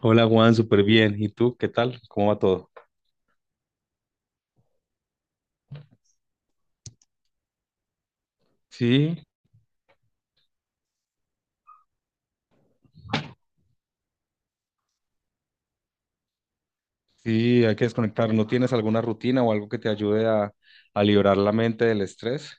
Hola Juan, súper bien. ¿Y tú qué tal? ¿Cómo va todo? Sí, sí, hay que desconectar. ¿No tienes alguna rutina o algo que te ayude a liberar la mente del estrés?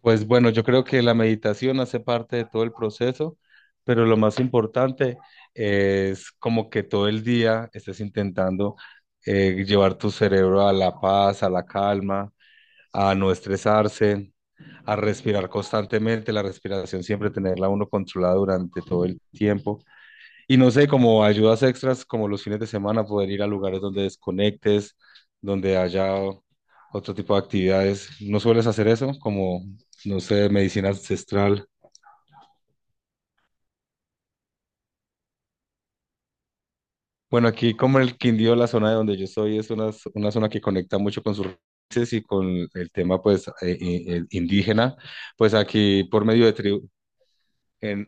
Pues bueno, yo creo que la meditación hace parte de todo el proceso, pero lo más importante es como que todo el día estés intentando llevar tu cerebro a la paz, a la calma, a no estresarse, a respirar constantemente, la respiración siempre tenerla uno controlada durante todo el tiempo. Y no sé, como ayudas extras, como los fines de semana, poder ir a lugares donde desconectes, donde haya otro tipo de actividades. ¿No sueles hacer eso? Como, no sé, medicina ancestral. Bueno, aquí como en el Quindío, la zona de donde yo soy, es una zona que conecta mucho con sus raíces y con el tema, pues, indígena. Pues aquí por medio de tribu, en,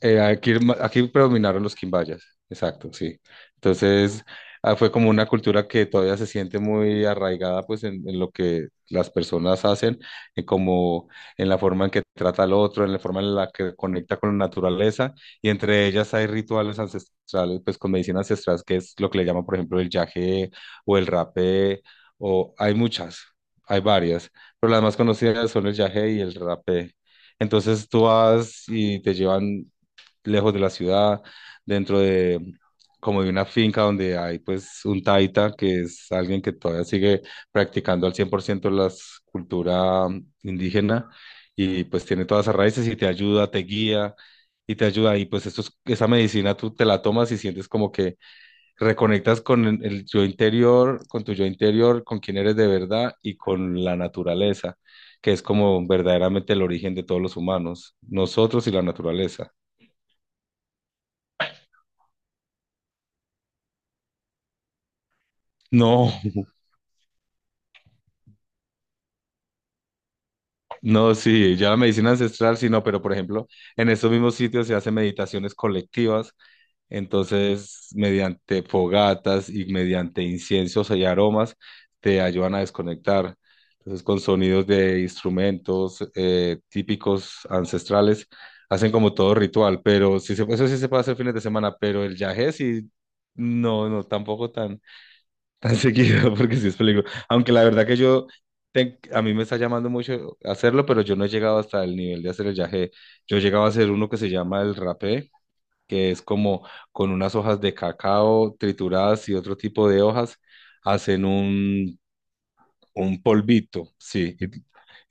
Eh, aquí, aquí predominaron los quimbayas, exacto, sí. Entonces, ah, fue como una cultura que todavía se siente muy arraigada pues en lo que las personas hacen, en como en la forma en que trata al otro, en la forma en la que conecta con la naturaleza, y entre ellas hay rituales ancestrales, pues con medicina ancestral, que es lo que le llaman, por ejemplo, el yagé o el rapé, o hay muchas, hay varias, pero las más conocidas son el yagé y el rapé. Entonces tú vas y te llevan lejos de la ciudad, dentro de como de una finca donde hay pues un taita, que es alguien que todavía sigue practicando al 100% la cultura indígena, y pues tiene todas esas raíces y te ayuda, te guía y te ayuda y pues esa medicina tú te la tomas y sientes como que reconectas con el yo interior, con tu yo interior, con quién eres de verdad y con la naturaleza, que es como verdaderamente el origen de todos los humanos, nosotros y la naturaleza. No, no, sí, ya la medicina ancestral, sí, no, pero por ejemplo, en estos mismos sitios se hacen meditaciones colectivas, entonces mediante fogatas y mediante inciensos y aromas te ayudan a desconectar. Entonces con sonidos de instrumentos típicos ancestrales hacen como todo ritual, pero sí se, eso sí se puede hacer fines de semana, pero el yagé sí, no, no, tampoco tan seguido, porque sí es película. Aunque la verdad que yo, a mí me está llamando mucho hacerlo, pero yo no he llegado hasta el nivel de hacer el yagé. Yo he llegado a hacer uno que se llama el rapé, que es como con unas hojas de cacao trituradas y otro tipo de hojas, hacen un, polvito, sí. Y,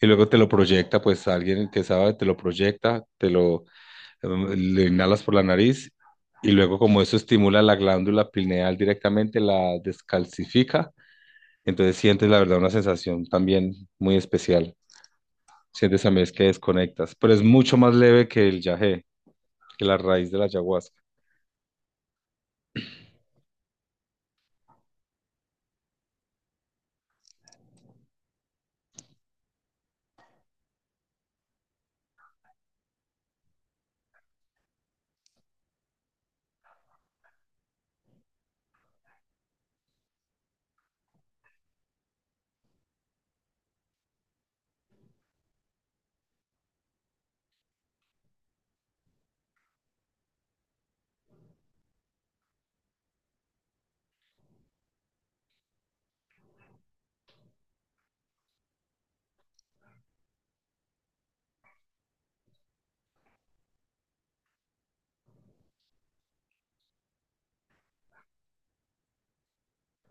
y luego te lo proyecta, pues alguien que sabe, te lo proyecta, te lo inhalas por la nariz. Y luego, como eso estimula la glándula pineal directamente, la descalcifica, entonces sientes la verdad una sensación también muy especial. Sientes también es que desconectas, pero es mucho más leve que el yagé, que la raíz de la ayahuasca.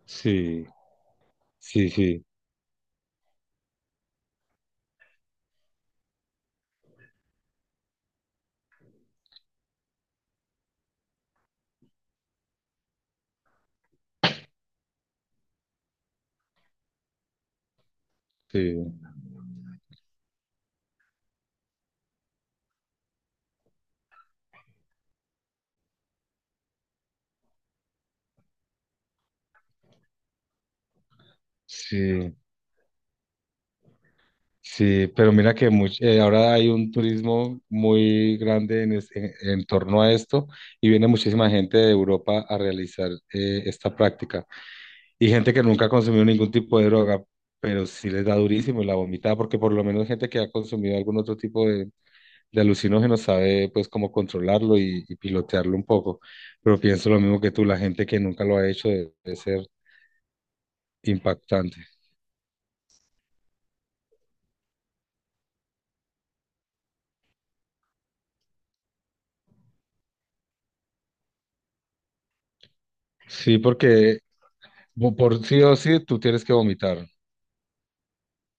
Sí, sí, sí, sí, sí, sí, pero mira que ahora hay un turismo muy grande en torno a esto y viene muchísima gente de Europa a realizar esta práctica y gente que nunca ha consumido ningún tipo de droga, pero sí les da durísimo y la vomita porque por lo menos gente que ha consumido algún otro tipo de alucinógeno sabe pues cómo controlarlo y pilotearlo un poco. Pero pienso lo mismo que tú, la gente que nunca lo ha hecho debe, ser impactante. Sí, porque por sí o sí tú tienes que vomitar.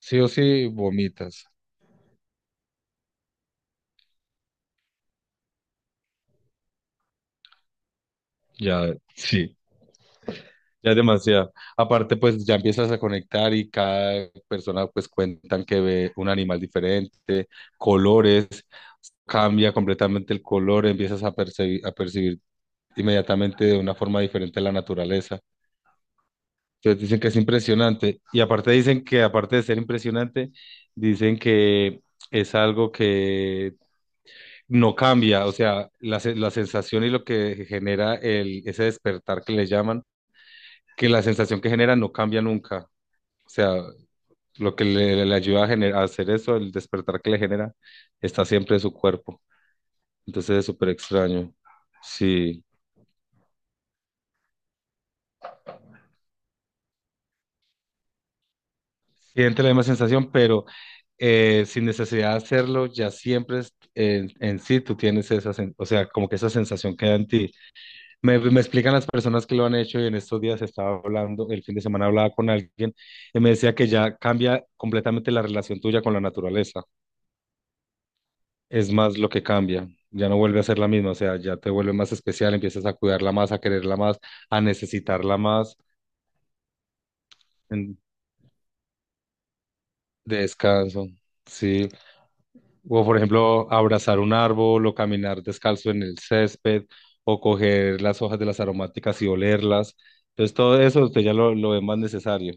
Sí o sí vomitas. Ya, sí. Ya es demasiado. Aparte, pues ya empiezas a conectar y cada persona pues cuentan que ve un animal diferente, colores, cambia completamente el color, empiezas a percibir inmediatamente de una forma diferente la naturaleza. Entonces dicen que es impresionante. Y aparte dicen que, aparte de ser impresionante, dicen que es algo que no cambia. O sea, la sensación y lo que genera el, ese despertar que le llaman, que la sensación que genera no cambia nunca. O sea, lo que le, ayuda a hacer eso, el despertar que le genera, está siempre en su cuerpo. Entonces es súper extraño. Sí. Siente la misma sensación, pero sin necesidad de hacerlo, ya siempre en sí tú tienes esa, o sea, como que esa sensación queda en ti. Me explican las personas que lo han hecho y en estos días estaba hablando, el fin de semana hablaba con alguien y me decía que ya cambia completamente la relación tuya con la naturaleza. Es más lo que cambia, ya no vuelve a ser la misma, o sea, ya te vuelve más especial, empiezas a cuidarla más, a quererla más, a necesitarla más en- de descanso. Sí. O por ejemplo, abrazar un árbol o caminar descalzo en el césped o coger las hojas de las aromáticas y olerlas. Entonces, todo eso usted ya lo ve más necesario.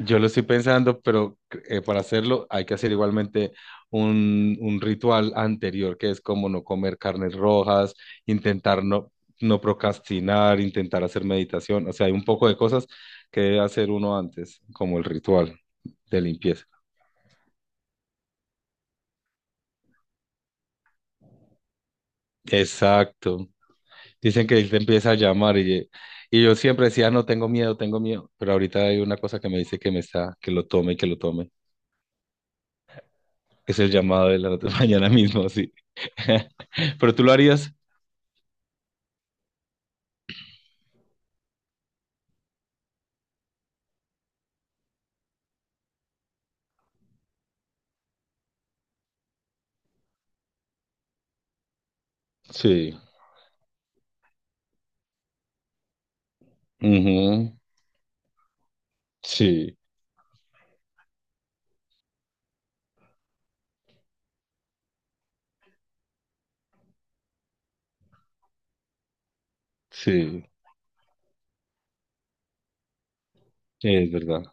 Yo lo estoy pensando, pero para hacerlo hay que hacer igualmente un, ritual anterior, que es como no comer carnes rojas, intentar no procrastinar, intentar hacer meditación. O sea, hay un poco de cosas que debe hacer uno antes, como el ritual de limpieza. Exacto. Dicen que él te empieza a llamar y yo siempre decía, "Ah, no, tengo miedo, pero ahorita hay una cosa que me dice que me está, que lo tome, que lo tome". Es el llamado de la mañana mismo, sí. ¿Pero tú lo harías? Sí. Ujú. Sí, sí, es verdad.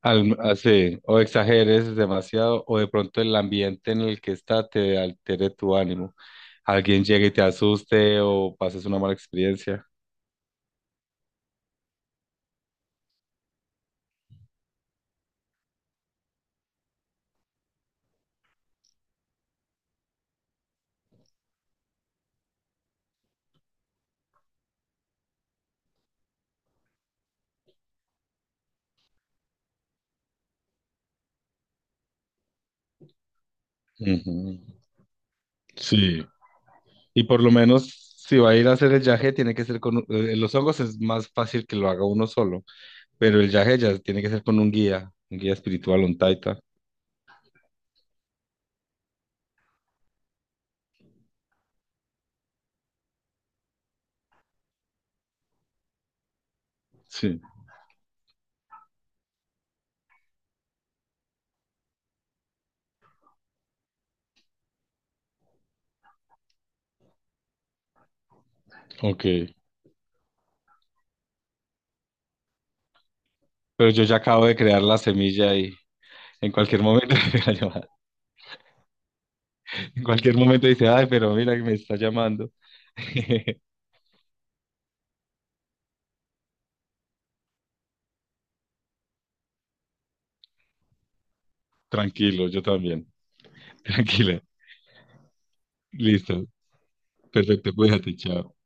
Así, o exageres demasiado, o de pronto el ambiente en el que está te altere tu ánimo. Alguien llegue y te asuste, o pases una mala experiencia. Ujú. Sí. Y por lo menos si va a ir a hacer el yaje, tiene que ser con... Los hongos es más fácil que lo haga uno solo, pero el yaje ya tiene que ser con un guía espiritual, un taita. Sí. Ok, pero yo ya acabo de crear la semilla y en cualquier momento me va a llamar. En cualquier momento dice, ay, pero mira que me está llamando. Tranquilo, yo también. Tranquila. Listo. Perfecto, cuídate, chao.